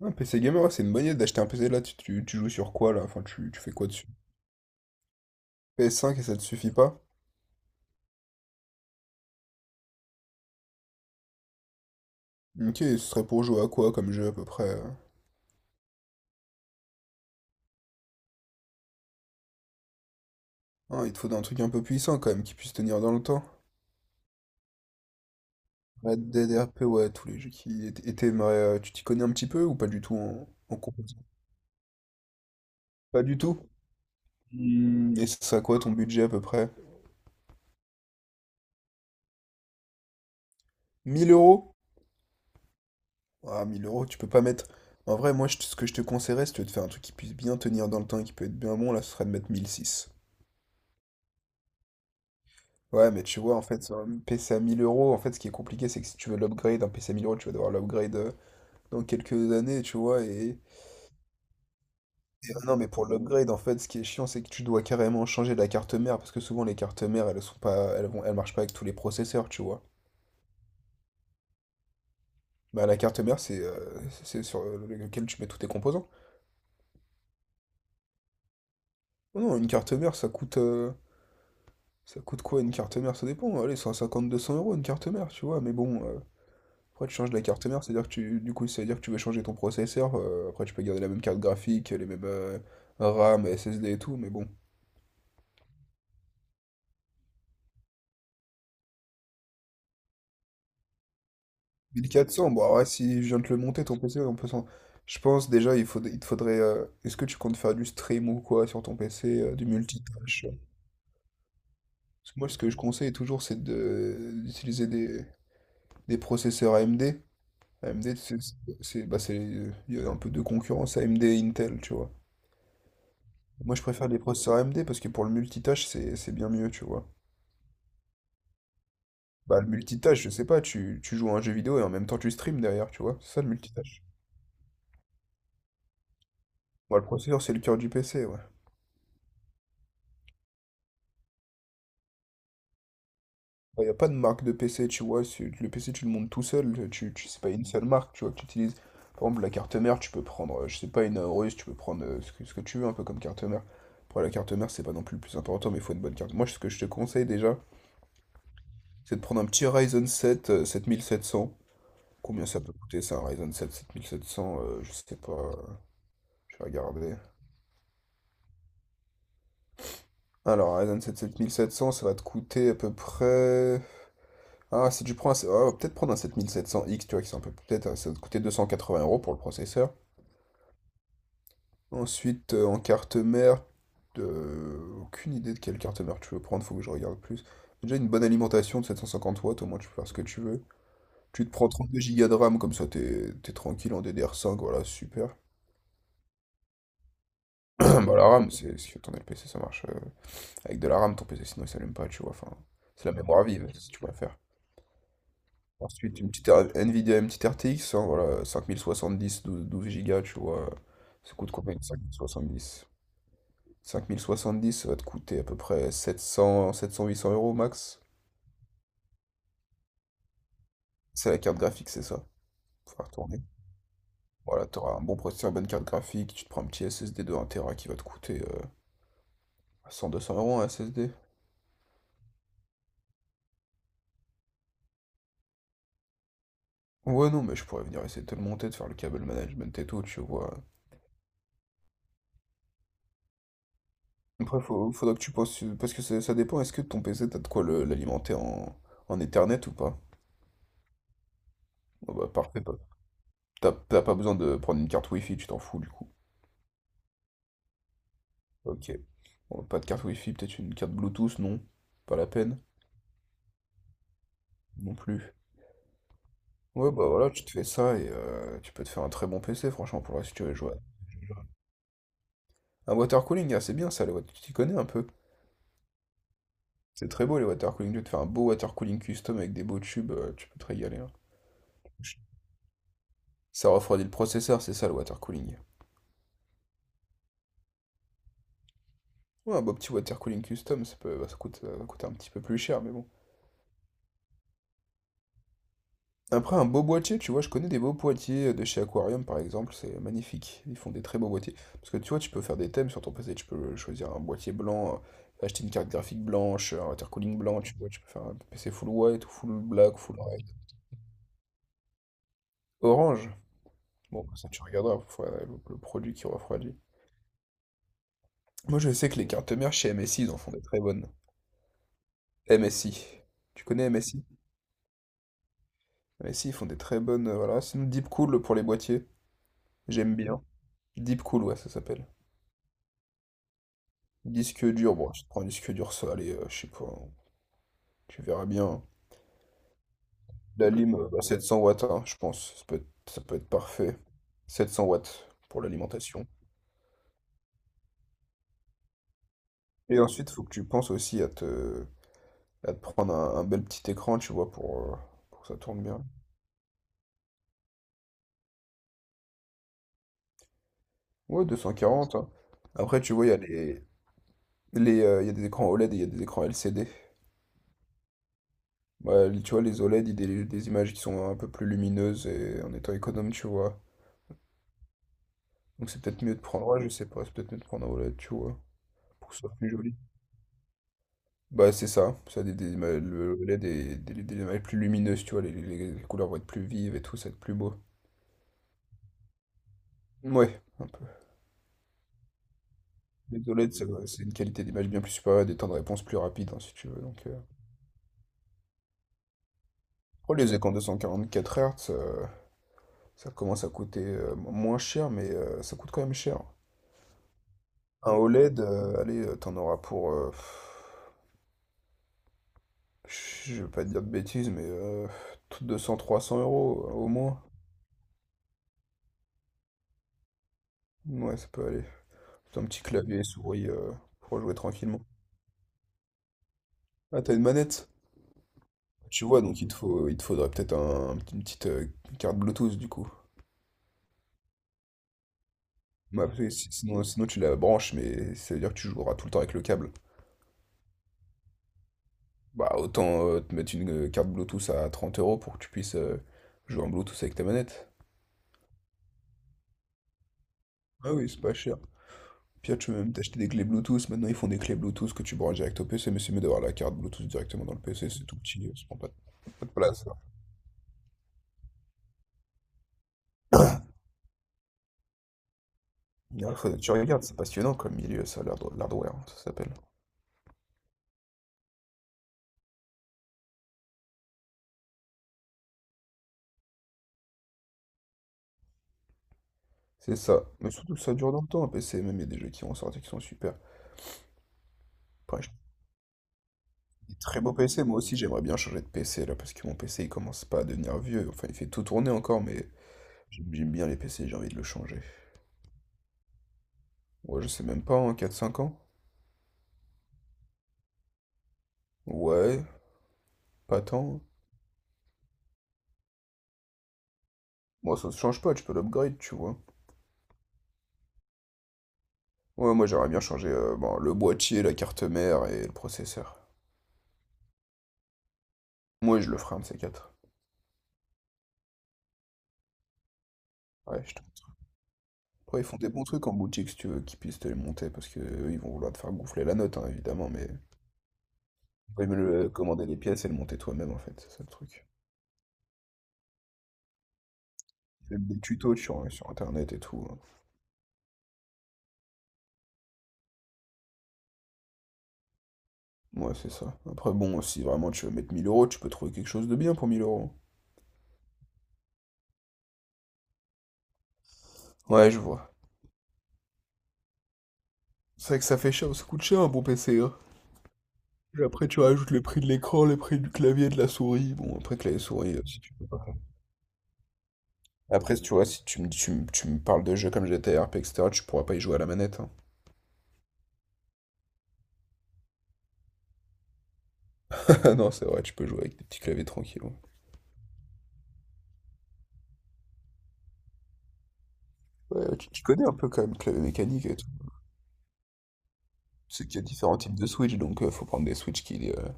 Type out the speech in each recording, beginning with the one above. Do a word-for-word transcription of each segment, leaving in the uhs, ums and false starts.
Un P C gamer, ouais, c'est une bonne idée d'acheter un P C là, tu, tu- tu joues sur quoi là? Enfin, tu, tu fais quoi dessus? P S cinq et ça te suffit pas? Ok, ce serait pour jouer à quoi comme jeu à peu près? euh Ah, il te faut un truc un peu puissant quand même qui puisse tenir dans le temps. Red Dead R P, ouais, tous les jeux qui étaient. Et t'aimerais, euh, tu t'y connais un petit peu ou pas du tout en, en compétition. Pas du tout? Hmm, et ce serait quoi ton budget à peu près? Mille euros? Ah, mille euros, tu peux pas mettre. En vrai, moi, je te- ce que je te conseillerais, si tu veux te faire un truc qui puisse bien tenir dans le temps et qui peut être bien bon, là, ce serait de mettre mille six. Ouais, mais tu vois, en fait, sur un P C à mille euros, en fait, ce qui est compliqué, c'est que si tu veux l'upgrade, un P C à mille euros, tu vas devoir l'upgrade euh, dans quelques années, tu vois. Et, et, euh, non, mais pour l'upgrade, en fait, ce qui est chiant, c'est que tu dois carrément changer la carte mère, parce que souvent, les cartes mères, elles sont pas, elles vont, elles marchent pas avec tous les processeurs, tu vois. Bah, la carte mère, c'est euh, c'est sur euh, lequel tu mets tous tes composants. Non, non, une carte mère, ça coûte, euh, ça coûte quoi une carte mère? Ça dépend. Allez, cent cinquante-deux cents euros une carte mère, tu vois. Mais bon, euh, Après, tu changes de la carte mère, c'est-à-dire que tu, du coup, ça veut dire que tu veux changer ton processeur. euh, après, tu peux garder la même carte graphique, les mêmes euh, RAM, S S D et tout, mais bon. Mille quatre cents bon, ouais, si je viens de te le monter, ton P C, on peut s'en- Je pense déjà, il faut, il te faudrait. euh, Est-ce que tu comptes faire du stream ou quoi sur ton P C, euh, du multitâche? Parce que moi, ce que je conseille toujours, c'est de- d'utiliser des, des processeurs A M D. A M D, c'est, c'est- bah, c'est- il y a un peu de concurrence A M D et Intel, tu vois. Moi, je préfère les processeurs A M D parce que pour le multitâche, c'est c'est bien mieux, tu vois. Bah, le multitâche, je sais pas, tu, tu joues à un jeu vidéo et en même temps tu stream derrière, tu vois. C'est ça le multitâche. Moi le processeur, c'est le cœur du P C, ouais. Il n'y a pas de marque de P C, tu vois. c'est- Le P C, tu le montes tout seul. Tu, tu, c'est pas une seule marque, tu vois, que tu utilises. Par exemple, la carte mère, tu peux prendre, euh, je sais pas, une Aorus, tu peux prendre euh, ce que, ce que tu veux, un peu comme carte mère. Après, la carte mère, c'est pas non plus le plus important, mais il faut une bonne carte. Moi, ce que je te conseille déjà, c'est de prendre un petit Ryzen sept euh, sept mille sept cents. Combien ça peut coûter, ça, un Ryzen sept sept mille sept cents? euh, je sais pas. euh, Je vais regarder. Alors, Ryzen sept sept mille sept cents ça va te coûter à peu près. Ah, si tu prends un. Ah, peut-être prendre un sept sept mille sept cents x tu vois, qui c'est un peu. Peut-être, ça va te coûter deux cent quatre-vingts euros pour le processeur. Ensuite, euh, en carte mère, euh, aucune idée de quelle carte mère tu veux prendre, faut que je regarde plus. Déjà, une bonne alimentation de sept cent cinquante watts, au moins tu peux faire ce que tu veux. Tu te prends trente deux gigas de RAM, comme ça t'es t'es tranquille en ddr cinq voilà, super. Bah, la RAM, c'est si ton L P C, ça marche. euh, avec de la RAM, ton P C, sinon il s'allume pas, tu vois. Enfin, c'est la mémoire vive, si tu préfères. Ensuite, une petite R- Nvidia, une petite R T X, hein, voilà, dix douze Go, tu vois. Ça coûte combien cinq mille soixante dix une cinq mille soixante-dix? cinq mille soixante-dix, ça va te coûter à peu près sept cents, huit cents euros max. C'est la carte graphique, c'est ça. Faut la retourner. Voilà, t'auras un bon processeur, une bonne carte graphique, tu te prends un petit S S D de un Tera qui va te coûter euh, deux cents euros un S S D. Ouais, non, mais je pourrais venir essayer de te le monter, de faire le câble management et tout, tu vois. Après, faut, faudra que tu penses, parce que ça ça dépend, est-ce que ton P C, t'as de quoi le- l'alimenter en, en Ethernet ou pas? Bon, bah, parfait, pas- t'as t'as pas besoin de prendre une carte Wi-Fi, tu t'en fous du coup. Ok. Bon, pas de carte Wi-Fi, peut-être une carte Bluetooth, non? Pas la peine, non plus. Ouais, bah voilà, tu te fais ça et euh, tu peux te faire un très bon P C, franchement, pour la si tu veux jouer. Un watercooling, ah, c'est bien ça, les wat- tu t'y connais un peu. C'est très beau les watercooling, tu te fais un beau watercooling custom avec des beaux tubes, euh, tu peux te régaler, hein. Ça refroidit le processeur, c'est ça le watercooling. Ouais, un beau petit watercooling custom, ça peut, bah, ça coûte, ça va coûter un petit peu plus cher, mais bon. Après, un beau boîtier, tu vois, je connais des beaux boîtiers de chez Aquarium, par exemple, c'est magnifique. Ils font des très beaux boîtiers. Parce que tu vois, tu peux faire des thèmes sur ton P C, tu peux choisir un boîtier blanc, euh, acheter une carte graphique blanche, un watercooling blanc, tu vois, tu peux faire un P C full white ou full black, full red. Orange. Bon, ça, tu regarderas, faut- euh, le, le produit qui refroidit. Moi, je sais que les cartes mères chez M S I, ils en font des très bonnes. M S I. Tu connais M S I? M S I, ils font des très bonnes, euh, voilà. Sinon, Deep Cool pour les boîtiers, j'aime bien. Deep Cool, ouais, ça s'appelle. Disque dur, bon, je te prends un disque dur, ça, allez, euh, je sais pas, hein, tu verras bien. La lime, euh, bah, sept cents watts, hein, je pense, ça peut être, ça peut être parfait. Sept cents watts pour l'alimentation. Et ensuite, faut que tu penses aussi à te, à te prendre un, un bel petit écran, tu vois, pour, euh, pour que ça tourne bien. Ouais, deux cent quarante, hein. Après, tu vois, il y a les, les, euh, il y a des écrans oled et il y a des écrans L C D. Bah, les- tu vois, les oled, ils délivre des images qui sont un peu plus lumineuses et en étant économe, tu vois. Donc c'est peut-être mieux de prendre, ouais, je sais pas, c'est peut-être mieux de prendre un oled, tu vois. Pour que ce soit plus joli. Bah c'est ça, ça a des, des- ma- le le led est des, des, des mailles plus lumineuses, tu vois, les, les- les couleurs vont être plus vives et tout, ça va être plus beau. Ouais, un peu. Les oled, ça va- c'est une qualité d'image bien plus supérieure, des temps de réponse plus rapides, hein, si tu veux. Donc, euh. Oh, les écrans deux cent quarante-quatre Hz, euh, ça commence à coûter euh, mo- moins cher, mais euh, ça coûte quand même cher. Un oled, euh, allez, euh, t'en auras pour, euh, pff, je vais pas te dire de bêtises, mais euh, deux cents-trois cents euros euh, au moins. Ouais, ça peut aller. C'est un petit clavier souris euh, pour jouer tranquillement. Ah, t'as une manette? Tu vois, donc il te faut, il te faudrait peut-être un- une petite euh, carte Bluetooth du coup. Bah, parce que si- sinon, sinon tu la branches, mais ça veut dire que tu joueras tout le temps avec le câble. Bah autant euh, te mettre une euh, carte Bluetooth à trente euros pour que tu puisses euh, jouer en Bluetooth avec ta manette. Ah oui, c'est pas cher. Puis là, tu peux même t'acheter des clés Bluetooth. Maintenant, ils font des clés Bluetooth que tu branches direct au P C, mais c'est mieux d'avoir la carte Bluetooth directement dans le P C. C'est tout petit, ça prend pas de, pas de place, hein. Non, faut- tu regardes, c'est passionnant comme milieu, ça, l'hard- l'hardware, hein, ça s'appelle. C'est ça. Mais surtout, ça dure dans le temps, un P C. Même, il y a des jeux qui vont sortir qui sont super. Après, j'ai des très beaux P C. Moi aussi, j'aimerais bien changer de P C, là, parce que mon P C, il commence pas à devenir vieux. Enfin, il fait tout tourner encore, mais j'aime j'aime bien les P C, j'ai envie de le changer. Ouais, je sais même pas, en quatre cinq ans? Ouais, pas tant. Moi, ça se change pas, tu peux l'upgrade, tu vois. Ouais, moi, j'aimerais bien changer euh, bon, le boîtier, la carte mère et le processeur. Moi, je le ferai un de ces quatre. Ouais, je te Après, ils font des bons trucs en boutique, si tu veux, qu'ils puissent te les monter, parce que eux, ils vont vouloir te faire gonfler la note, hein, évidemment, mais il vaut mieux le- euh, commander les pièces et le monter toi-même, en fait, c'est ça le truc. Il y a Même des tutos sur, euh, sur Internet et tout, hein. Ouais, c'est ça. Après, bon, si vraiment tu veux mettre mille euros, tu peux trouver quelque chose de bien pour mille euros. Ouais, je vois. C'est vrai que ça fait cher, ça coûte cher un bon P C, hein. Puis Après, tu rajoutes le prix de l'écran, le prix du clavier, de la souris. Bon, après, clavier-souris, euh, si tu peux pas. Après, si tu vois, si tu me, tu, me- tu me parles de jeux comme G T A R P, et cetera, tu pourras pas y jouer à la manette, hein. Ah non, c'est vrai, tu peux jouer avec des petits claviers tranquilles. Ouais, Ouais, tu, tu connais un peu quand même le clavier mécanique et tout. C'est qu'il y a différents types de Switch, donc euh, faut prendre des Switch qui, euh,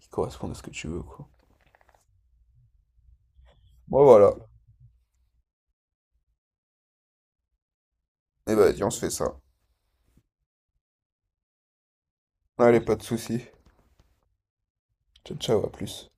qui correspondent à ce que tu veux, quoi. Bon, voilà. Et vas-y, on se fait ça. Allez, pas de soucis. Ciao, ciao, à plus.